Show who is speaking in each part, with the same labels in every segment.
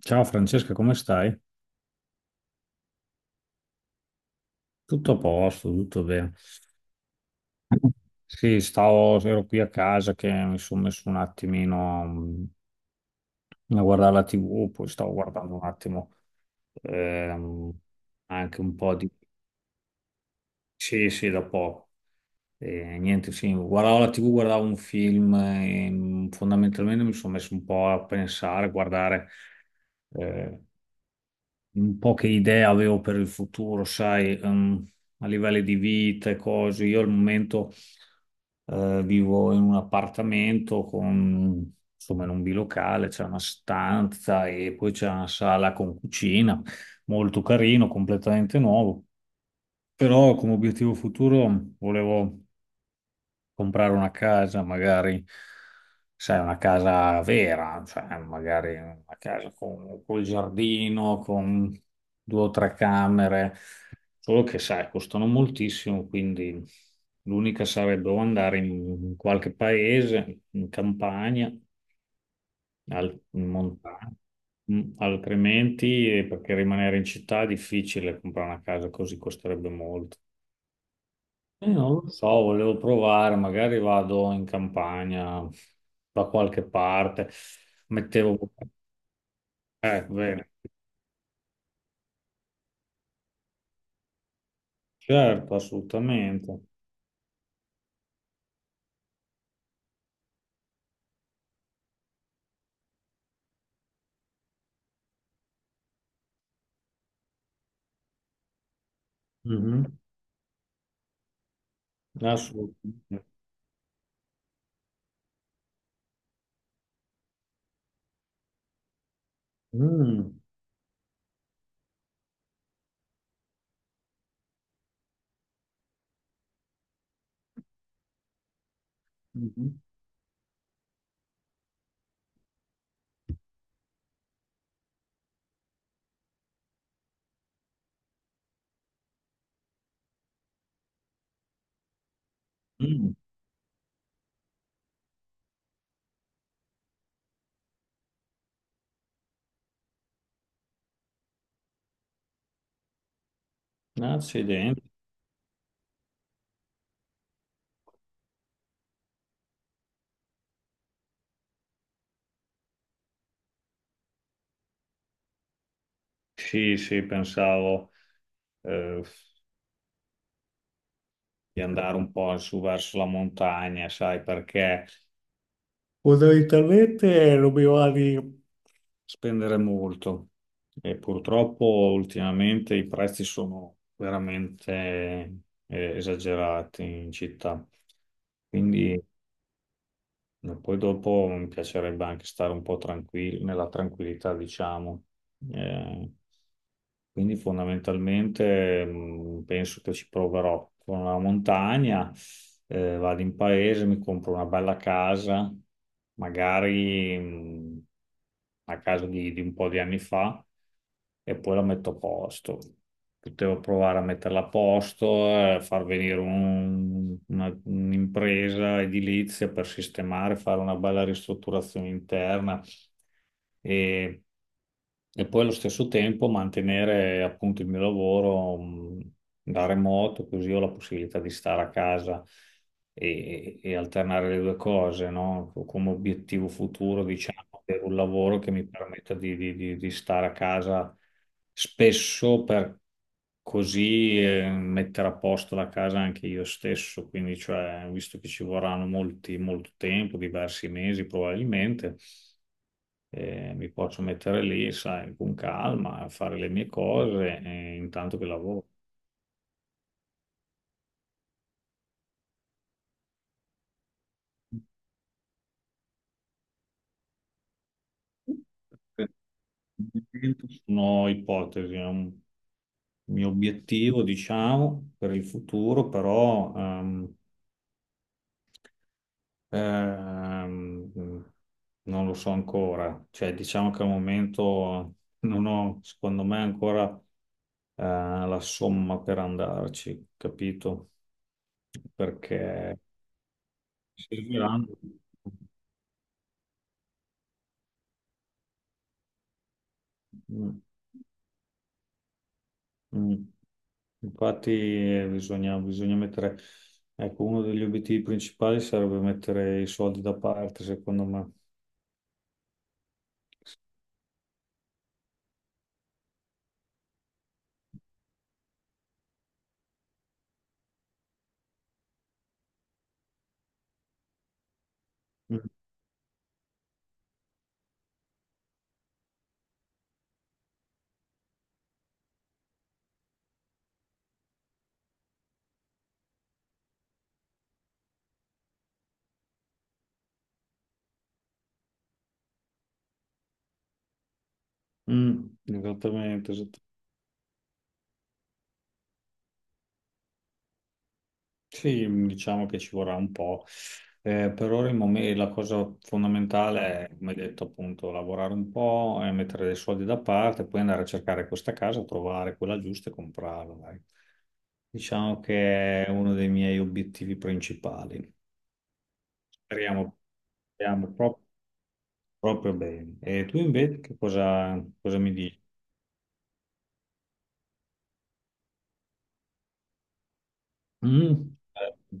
Speaker 1: Ciao Francesca, come stai? Tutto a posto, tutto bene. Sì, stavo, ero qui a casa che mi sono messo un attimino a guardare la TV, poi stavo guardando un attimo ehm, anche un po' di... Sì, sì, da poco. E niente, sì, guardavo la TV, guardavo un film e fondamentalmente mi sono messo un po' a pensare, a guardare eh, un po' che idea avevo per il futuro, sai, a livello di vita e cose. Io al momento vivo in un appartamento con, insomma, in un bilocale, c'è una stanza e poi c'è una sala con cucina, molto carino, completamente nuovo. Però come obiettivo futuro volevo comprare una casa, magari, sai, una casa vera, cioè magari una casa con, col giardino, con due o tre camere, solo che, sai, costano moltissimo, quindi l'unica sarebbe o andare in qualche paese, in campagna, al, in montagna. Mm, altrimenti, perché rimanere in città è difficile, comprare una casa così costerebbe molto. Non lo so, volevo provare, magari vado in campagna da qualche parte, mettevo... bene, certo, assolutamente. Mhm. Assolutamente. Mm. Mhm. Mm, accidenti. Sì, sì, pensavo, eh, di andare un po' su verso la montagna, sai, perché fondamentalmente dobbiamo di spendere molto e purtroppo ultimamente i prezzi sono veramente esagerati in città. Mm. Quindi ma poi dopo mi piacerebbe anche stare un po' tranquillo, nella tranquillità, diciamo. Eh, quindi fondamentalmente penso che ci proverò con la montagna, vado in paese, mi compro una bella casa, magari una casa di un po' di anni fa, e poi la metto a posto. Potevo provare a metterla a posto, far venire un'impresa edilizia per sistemare, fare una bella ristrutturazione interna e, e poi allo stesso tempo mantenere appunto il mio lavoro da remoto, così ho la possibilità di stare a casa e alternare le due cose, no? Come obiettivo futuro, diciamo, per un lavoro che mi permetta di, di stare a casa spesso per così mettere a posto la casa anche io stesso, quindi cioè, visto che ci vorranno molti, molto tempo, diversi mesi probabilmente, mi posso mettere lì, sai, con calma, a fare le mie cose intanto che lavoro. Sono ipotesi, è un mio obiettivo, diciamo, per il futuro, però Ehm, non lo so ancora, cioè diciamo che al momento non ho, secondo me, ancora eh, la somma per andarci, capito? Perché serviranno. Mm, mm. Infatti bisogna mettere, ecco, uno degli obiettivi principali sarebbe mettere i soldi da parte, secondo me. Mm, mm, esattamente, esattamente. Sì, diciamo che ci vorrà un po'. Per ora il mome- la cosa fondamentale è, come hai detto, appunto, lavorare un po', mettere dei soldi da parte, poi andare a cercare questa casa, trovare quella giusta e comprarla, dai. Diciamo che è uno dei miei obiettivi principali. Speriamo, speriamo proprio bene. E tu invece che cosa, cosa mi dici? Mm. Eh,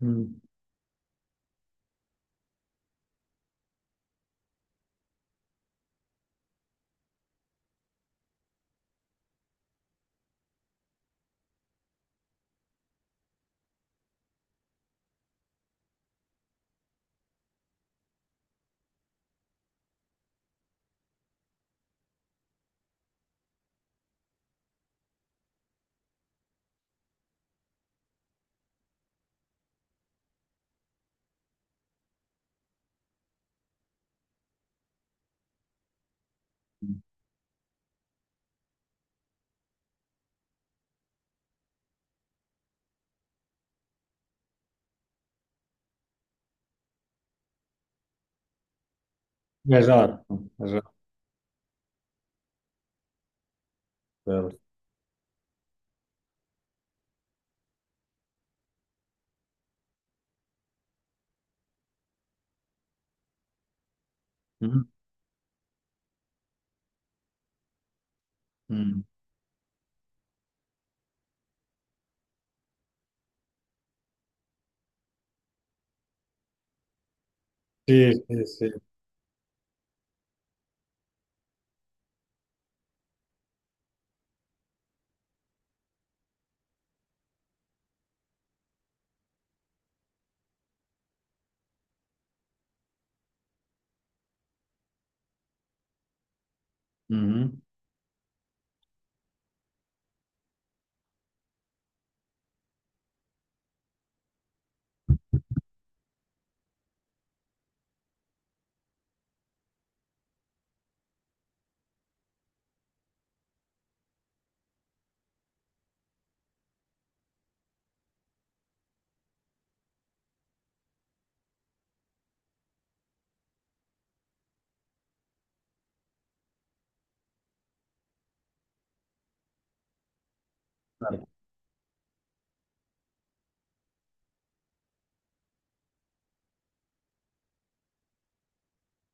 Speaker 1: mm. Esatto, esatto. Vero. Mm. Mm. Sì, sì, sì. Mhm.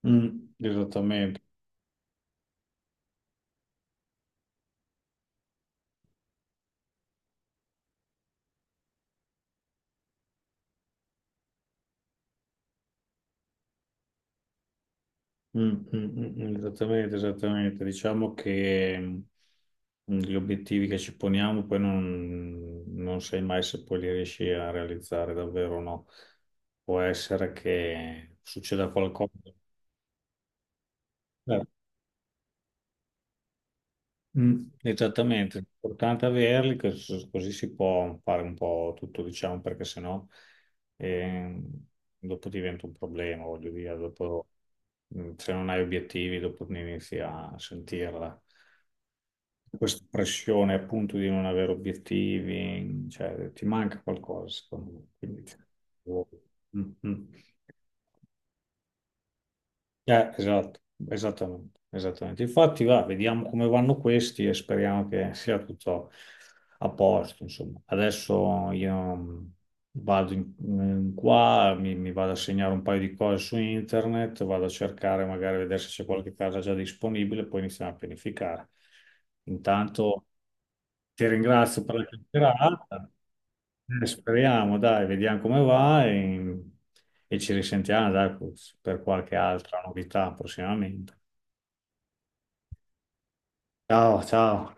Speaker 1: Mm, esattamente. Mm, mm, mm, mm, esattamente, esattamente. Diciamo che mm, gli obiettivi che ci poniamo poi non, non sai mai se poi li riesci a realizzare davvero o no. Può essere che succeda qualcosa. Mm, esattamente, è importante averli, cos- così si può fare un po' tutto, diciamo, perché sennò ehm, dopo diventa un problema, voglio dire, dopo mm, se non hai obiettivi, dopo ne inizi a sentirla. Questa pressione appunto di non avere obiettivi, cioè ti manca qualcosa, secondo me. Quindi, mm, mm. Esatto, esattamente, esattamente. Infatti, va, vediamo come vanno questi e speriamo che sia tutto a posto, insomma. Adesso io vado in, in qua, mi vado a segnare un paio di cose su internet, vado a cercare, magari a vedere se c'è qualche casa già disponibile, poi iniziamo a pianificare. Intanto ti ringrazio per la chiacchierata. Speriamo, dai, vediamo come va e ci risentiamo, dai, per qualche altra novità prossimamente. Ciao, ciao.